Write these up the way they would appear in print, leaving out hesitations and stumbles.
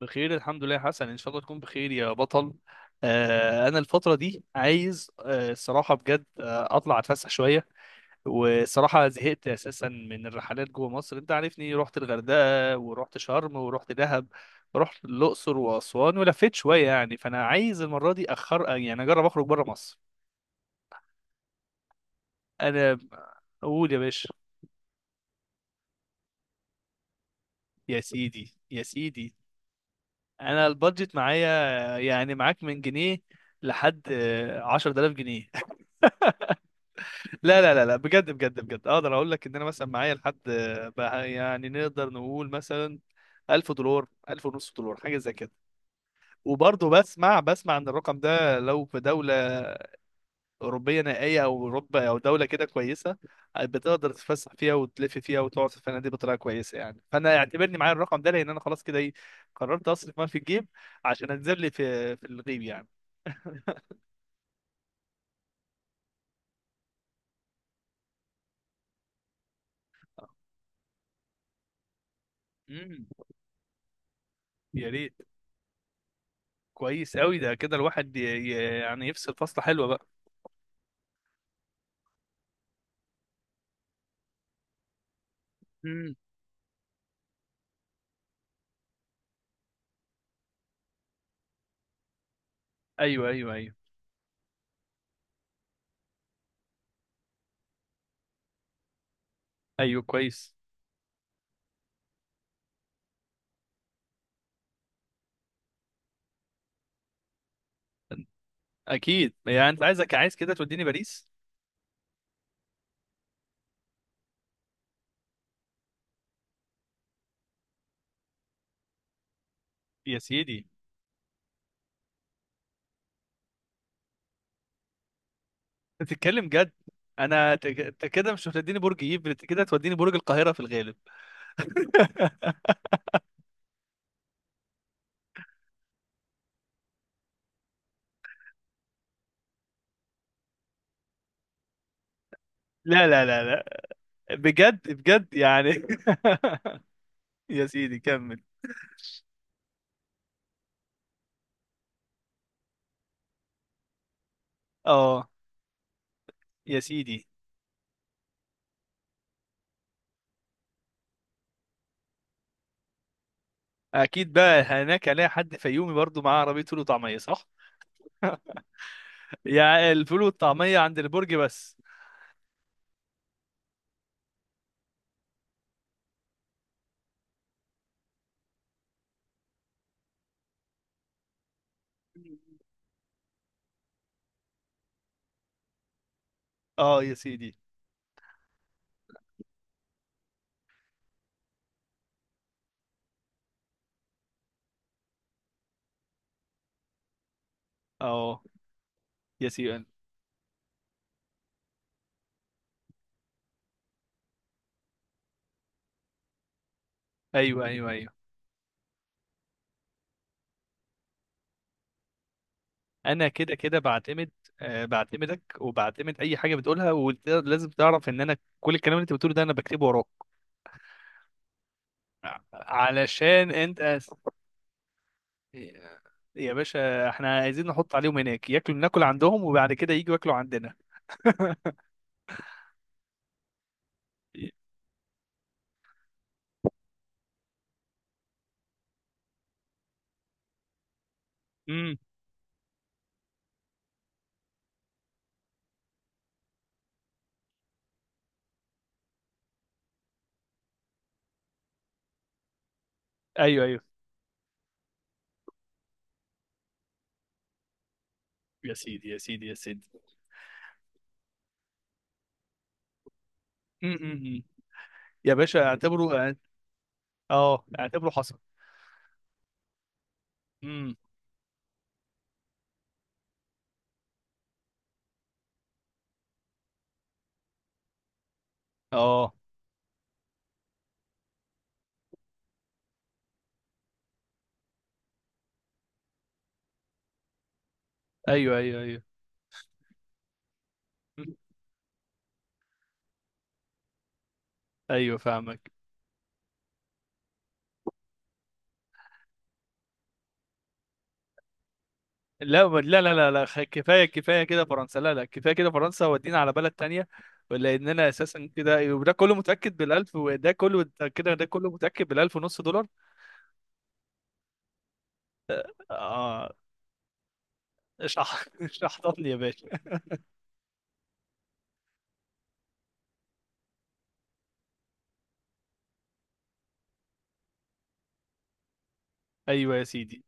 بخير الحمد لله يا حسن، ان شاء الله تكون بخير يا بطل. انا الفتره دي عايز، الصراحه بجد اطلع اتفسح شويه. والصراحه زهقت اساسا من الرحلات جوه مصر. انت عارفني، رحت الغردقه ورحت شرم ورحت دهب ورحت الاقصر واسوان ولفيت شويه يعني. فانا عايز المره دي اخر، يعني اجرب اخرج بره مصر. انا. قول يا باشا. يا سيدي يا سيدي. انا البادجت معايا. يعني معاك من جنيه لحد عشرة آلاف جنيه. لا لا لا لا، بجد بجد بجد، اقدر اقول لك ان انا مثلا معايا لحد، بقى يعني نقدر نقول مثلا $1000، 1000 ونص دولار، حاجه زي كده. وبرضه بسمع ان الرقم ده لو في دوله اوروبيه نائيه، او اوروبا، او دوله كده كويسه، بتقدر تتفسح فيها وتلف فيها وتقعد في الفنادق بطريقه كويسه يعني. فانا اعتبرني معايا الرقم ده، لان انا خلاص كده ايه، قررت اصرف ما في الجيب عشان انزل لي في الغيب يعني. امم. يا ريت. كويس قوي، ده كده الواحد يعني يفصل فصله حلوه بقى. إمم. ايوه ايوه ايوه. ايوه كويس. اكيد يعني، انت عايز كده توديني باريس. يا سيدي. انت بتتكلم جد؟ انا انت كده مش هتوديني برج ايفل، انت كده هتوديني برج القاهره في الغالب. لا لا لا لا. بجد بجد يعني. يا سيدي كمل. اه يا سيدي. اكيد بقى هناك الاقي حد فيومي برضو معاه عربيه فول وطعميه، صح؟ يعني الفول والطعميه عند البرج بس. اه يا سيدي. اه يا سيدي. ايوه ايوه ايوه. انا كده كده بعتمد، بعتمدك وبعتمد اي حاجه بتقولها. ولازم تعرف ان انا كل الكلام اللي انت بتقوله ده انا بكتبه وراك. علشان انت يا باشا احنا عايزين نحط عليهم هناك ياكلوا، ناكل عندهم وبعد كده يجوا ياكلوا عندنا. امم. ايوه ايوه. يا سيدي يا سيدي يا سيدي. أمم، أمم، أمم. يا باشا اعتبره، اه. اه، اعتبره حصل. امم. اه. ايوه ايوه ايوه. امم. ايوه فاهمك. لا، لا لا لا لا، كفايه كفايه كده فرنسا، لا لا كفايه كده فرنسا، ودينا على بلد تانية. لاننا اساسا كده، وده كله متاكد بالالف، وده كله، ده كده ده كله متاكد بالالف ونص دولار. اه. اشرح اشرح لي يا باشا. ايوه يا سيدي.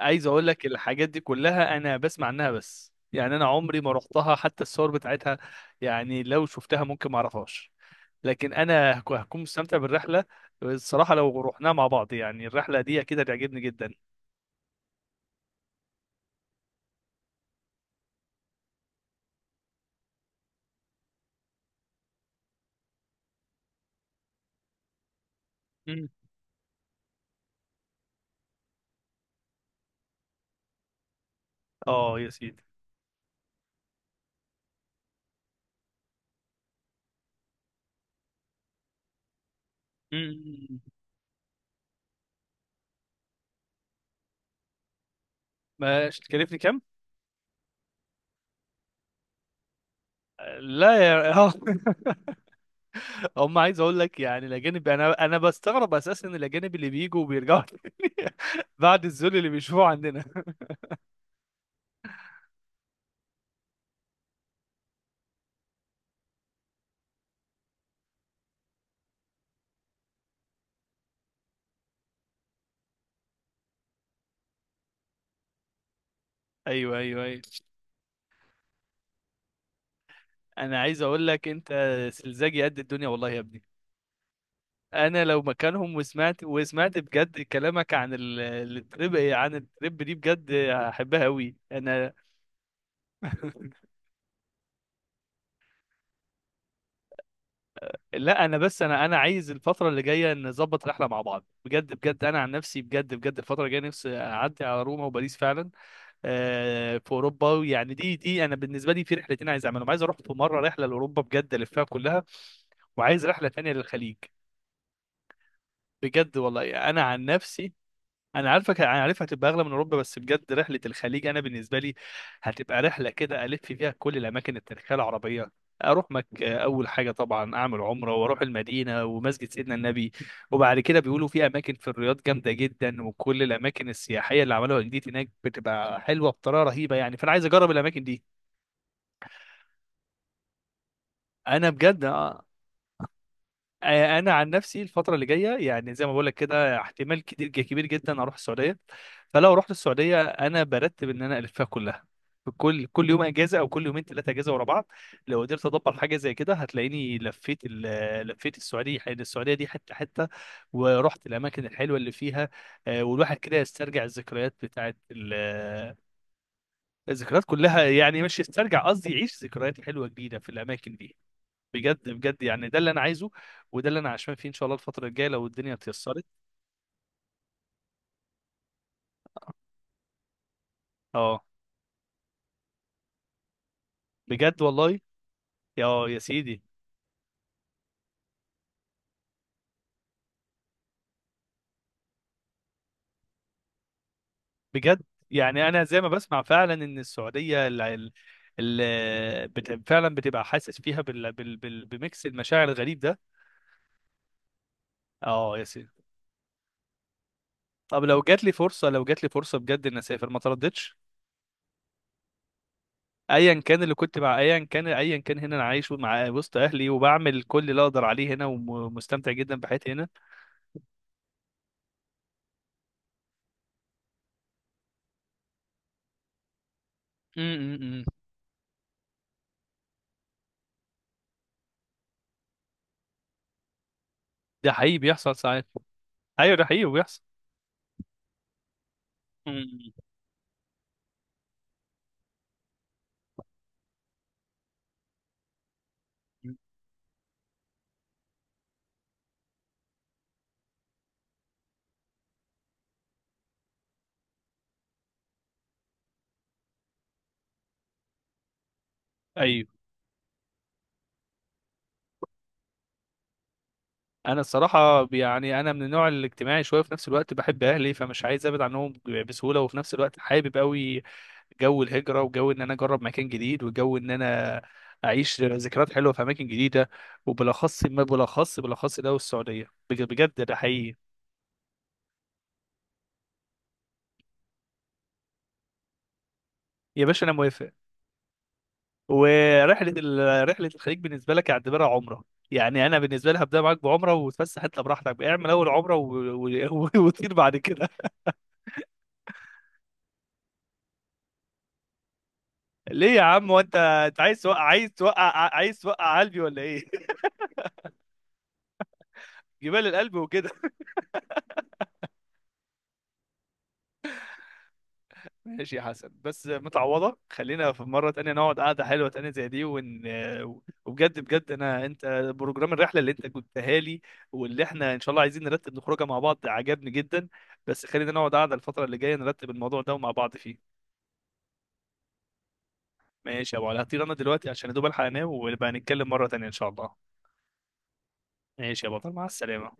عايز اقول لك الحاجات دي كلها انا بسمع عنها بس يعني انا عمري ما رحتها، حتى الصور بتاعتها يعني لو شفتها ممكن ما اعرفهاش. لكن انا هكون مستمتع بالرحله. الصراحه لو رحناها مع بعض يعني، الرحله دي اكيد هتعجبني جدا. مم. اه يا سيدي. مم. ما تكلفني كام؟ لا يا اه. هم، عايز اقول لك يعني، الاجانب، انا بستغرب اساسا إن الاجانب اللي بيجوا وبيرجعوا تاني بعد الذل اللي بيشوفوه عندنا. ايوه ايوه ايوه. انا عايز اقول لك انت سلزاجي قد الدنيا والله يا ابني. انا لو مكانهم وسمعت بجد كلامك عن التريب دي، بجد هحبها قوي انا. لا انا بس انا عايز الفتره اللي جايه نظبط رحله مع بعض بجد. بجد انا عن نفسي، بجد بجد، الفتره الجايه نفسي اعدي على روما وباريس فعلا، في اوروبا. ويعني دي انا بالنسبه لي في رحلتين عايز اعملهم: عايز اروح في مره رحله لاوروبا بجد الفها كلها، وعايز رحله تانية للخليج. بجد والله انا عن نفسي، انا عارفك، انا عارف هتبقى اغلى من اوروبا، بس بجد رحله الخليج انا بالنسبه لي هتبقى رحله كده الف فيها كل الاماكن التاريخيه العربيه. اروح اول حاجه طبعا اعمل عمره واروح المدينه ومسجد سيدنا النبي. وبعد كده بيقولوا في اماكن في الرياض جامده جدا، وكل الاماكن السياحيه اللي عملوها جديد هناك بتبقى حلوه بطريقه رهيبه يعني. فانا عايز اجرب الاماكن دي. انا بجد. انا عن نفسي الفتره اللي جايه، يعني زي ما بقول لك كده، احتمال كتير كبير جدا اروح السعوديه. فلو رحت السعوديه انا برتب ان انا الفها كلها. كل يوم اجازه، او كل يومين ثلاثه اجازه ورا بعض. لو قدرت ادبر حاجه زي كده هتلاقيني لفيت السعوديه. السعوديه دي حته حته، ورحت الاماكن الحلوه اللي فيها. والواحد كده يسترجع الذكريات بتاعت الذكريات كلها يعني، مش يسترجع، قصدي يعيش ذكريات حلوه جديده في الاماكن دي. بجد بجد يعني ده اللي انا عايزه، وده اللي انا عشمان فيه ان شاء الله الفتره الجايه لو الدنيا اتيسرت. اه. بجد والله. يا سيدي. بجد يعني انا زي ما بسمع فعلا ان السعوديه فعلا بتبقى حاسس فيها بميكس المشاعر الغريب ده. اه يا سيدي. طب لو جات لي فرصه بجد ان اسافر، ما ترددش. ايا كان اللي كنت مع، ايا كان هنا انا عايش مع وسط اهلي وبعمل كل اللي اقدر عليه هنا ومستمتع جدا بحياتي هنا. م- م- م. ده حقيقي بيحصل ساعات. ايوه ده حقيقي وبيحصل. مم. ايوه. انا الصراحه يعني انا من النوع الاجتماعي شويه، في نفس الوقت بحب اهلي فمش عايز ابعد عنهم بسهوله، وفي نفس الوقت حابب قوي جو الهجره، وجو ان انا اجرب مكان جديد، وجو ان انا اعيش ذكريات حلوه في اماكن جديده. وبالاخص ما بالاخص بالاخص ده. والسعوديه بجد ده حقيقي. يا باشا انا موافق. ورحله رحله الخليج بالنسبه لك اعتبرها عمره. يعني انا بالنسبه لي هبدا معاك بعمره وتفسح انت براحتك، اعمل اول عمره وتطير بعد كده. ليه يا عم؟ هو انت عايز توقع قلبي ولا ايه؟ جبال القلب وكده. ماشي يا حسن، بس متعوضه، خلينا في مره تانية نقعد قعده حلوه تانية زي دي وبجد بجد انا، انت بروجرام الرحله اللي انت جبتها لي واللي احنا ان شاء الله عايزين نرتب نخرجها مع بعض عجبني جدا. بس خلينا نقعد قعده الفتره اللي جايه نرتب الموضوع ده ومع بعض فيه. ماشي يا ابو علي، هطير انا دلوقتي عشان يا دوب الحق انام، ونبقى نتكلم مره تانية ان شاء الله. ماشي يا بطل، مع السلامه.